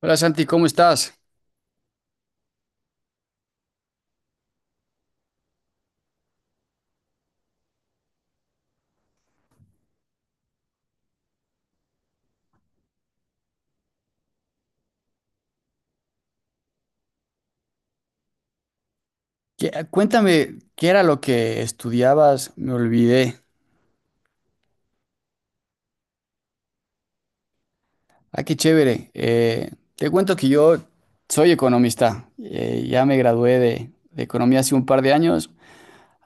Hola Santi, ¿cómo estás? Cuéntame, ¿qué era lo que estudiabas? Me olvidé. Ah, qué chévere. Te cuento que yo soy economista. Ya me gradué de economía hace un par de años,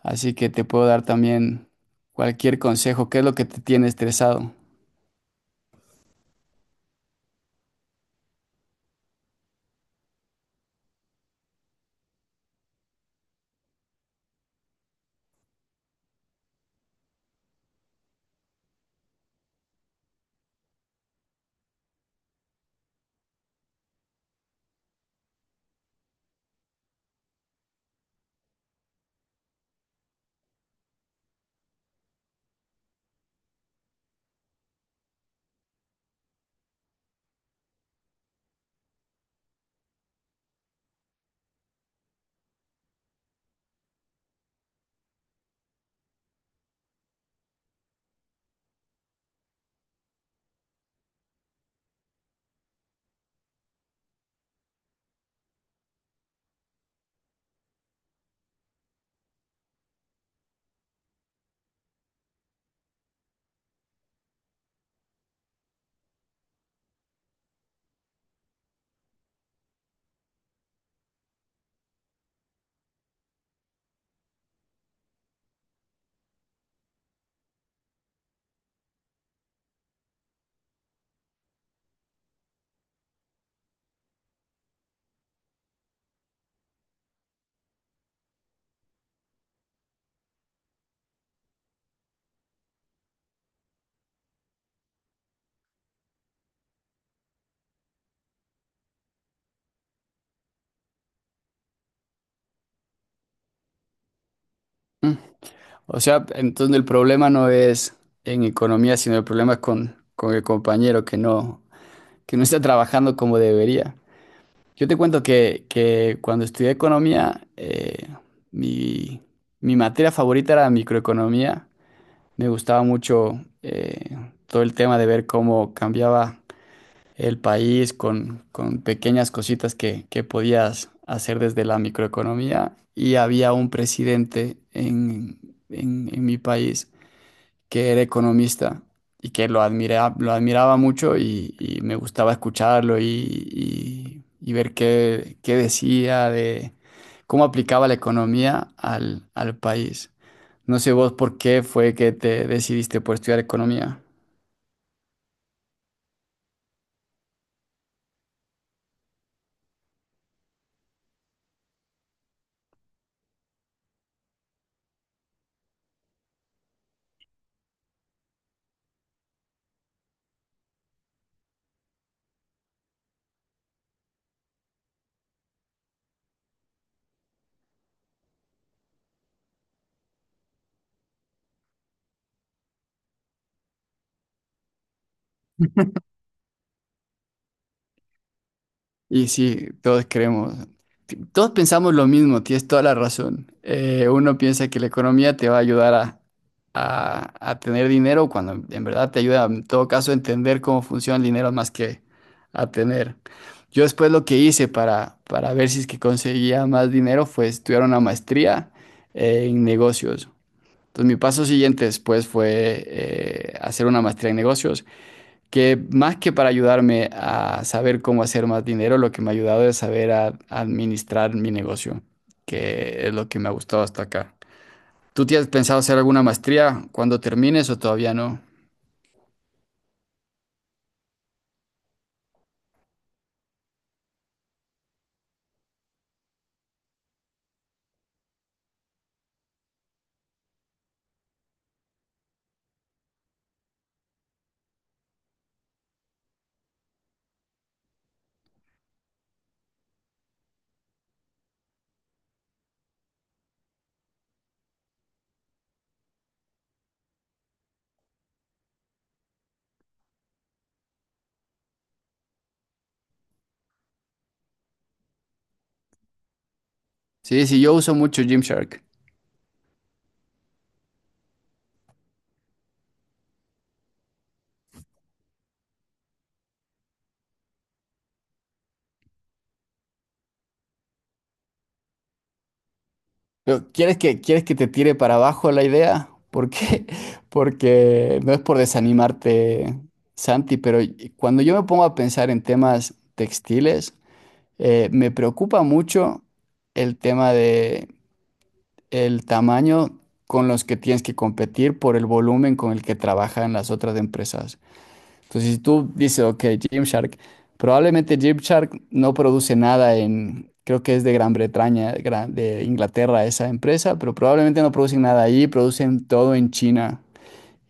así que te puedo dar también cualquier consejo. ¿Qué es lo que te tiene estresado? O sea, entonces el problema no es en economía, sino el problema es con el compañero que no está trabajando como debería. Yo te cuento que cuando estudié economía, mi, mi materia favorita era microeconomía. Me gustaba mucho todo el tema de ver cómo cambiaba el país con pequeñas cositas que podías hacer desde la microeconomía. Y había un presidente en mi país que era economista y que lo admiraba mucho y me gustaba escucharlo y ver qué decía de cómo aplicaba la economía al país. No sé vos por qué fue que te decidiste por estudiar economía. Y sí, todos creemos, todos pensamos lo mismo, tienes toda la razón. Uno piensa que la economía te va a ayudar a tener dinero cuando en verdad te ayuda en todo caso a entender cómo funciona el dinero más que a tener. Yo después lo que hice para ver si es que conseguía más dinero fue estudiar una maestría en negocios. Entonces mi paso siguiente después fue hacer una maestría en negocios que más que para ayudarme a saber cómo hacer más dinero, lo que me ha ayudado es saber administrar mi negocio, que es lo que me ha gustado hasta acá. ¿Tú tienes pensado hacer alguna maestría cuando termines o todavía no? Sí, sí, yo uso mucho Gymshark. Pero ¿quieres que te tire para abajo la idea? ¿Por qué? Porque no es por desanimarte, Santi, pero cuando yo me pongo a pensar en temas textiles, me preocupa mucho el tema de el tamaño con los que tienes que competir por el volumen con el que trabajan las otras empresas. Entonces, si tú dices, ok, Gymshark, probablemente Gymshark no produce nada en, creo que es de Gran Bretaña, de Inglaterra esa empresa, pero probablemente no producen nada ahí, producen todo en China.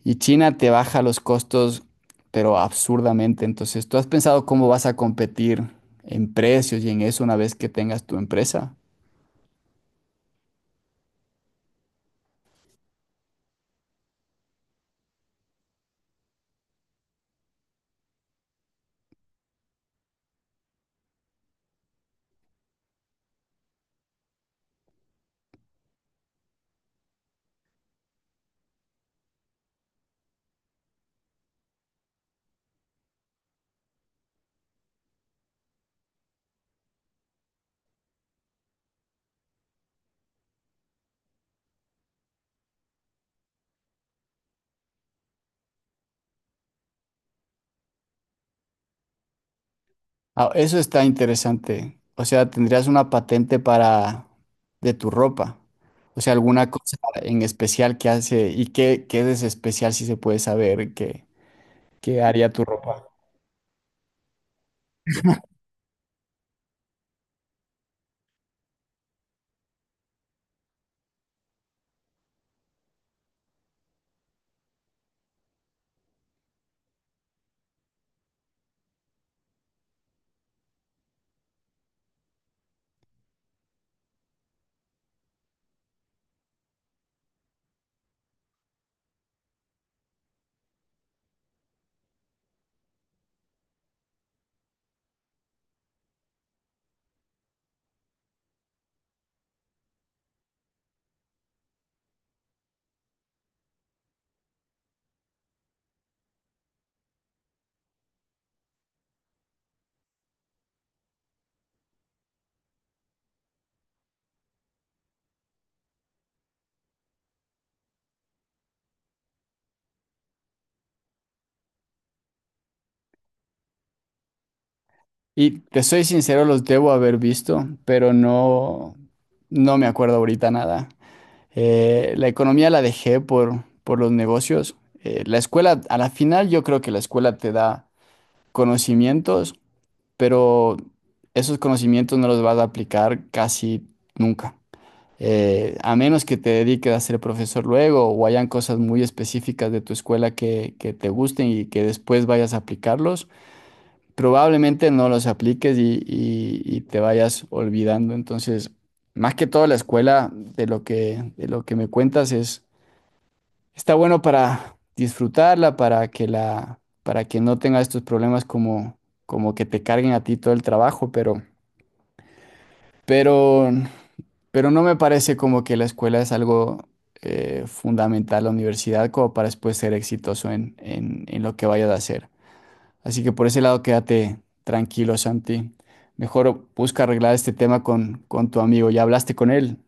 Y China te baja los costos, pero absurdamente. Entonces, ¿tú has pensado cómo vas a competir en precios y en eso una vez que tengas tu empresa? Ah, eso está interesante. O sea, tendrías una patente para de tu ropa. O sea, alguna cosa en especial que hace y qué es especial si se puede saber qué haría tu ropa. Y te soy sincero, los debo haber visto, pero no, no me acuerdo ahorita nada. La economía la dejé por los negocios. La escuela, a la final yo creo que la escuela te da conocimientos, pero esos conocimientos no los vas a aplicar casi nunca. A menos que te dediques a ser profesor luego o hayan cosas muy específicas de tu escuela que te gusten y que después vayas a aplicarlos, probablemente no los apliques y te vayas olvidando. Entonces, más que todo la escuela de lo de lo que me cuentas es. Está bueno para disfrutarla, para que no tenga estos problemas como que te carguen a ti todo el trabajo, pero, pero no me parece como que la escuela es algo fundamental, la universidad, como para después ser exitoso en lo que vayas a hacer. Así que por ese lado quédate tranquilo, Santi. Mejor busca arreglar este tema con tu amigo. ¿Ya hablaste con él?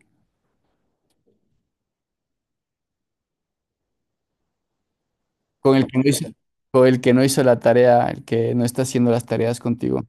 Con el que no hizo, con el que no hizo la tarea, el que no está haciendo las tareas contigo.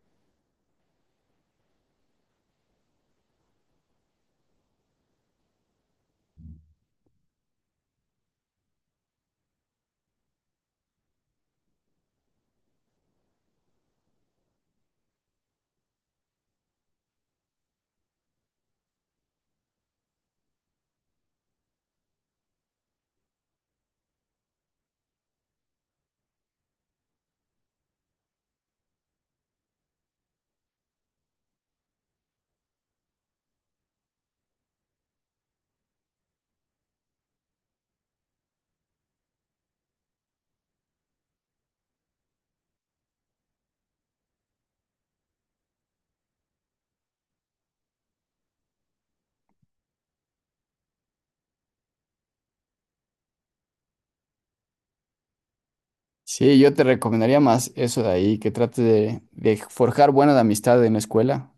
Sí, yo te recomendaría más eso de ahí, que trate de forjar buenas amistades en la escuela.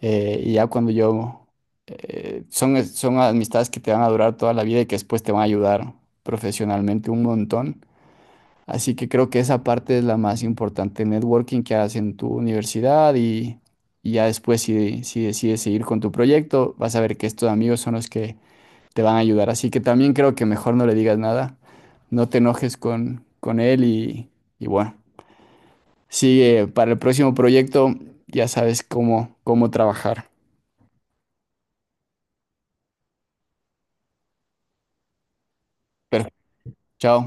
eh, y ya cuando yo... eh, son amistades que te van a durar toda la vida y que después te van a ayudar profesionalmente un montón. Así que creo que esa parte es la más importante, networking que hagas en tu universidad y ya después si decides seguir con tu proyecto, vas a ver que estos amigos son los que te van a ayudar. Así que también creo que mejor no le digas nada, no te enojes con él y bueno, sigue para el próximo proyecto, ya sabes cómo trabajar. Pero chao.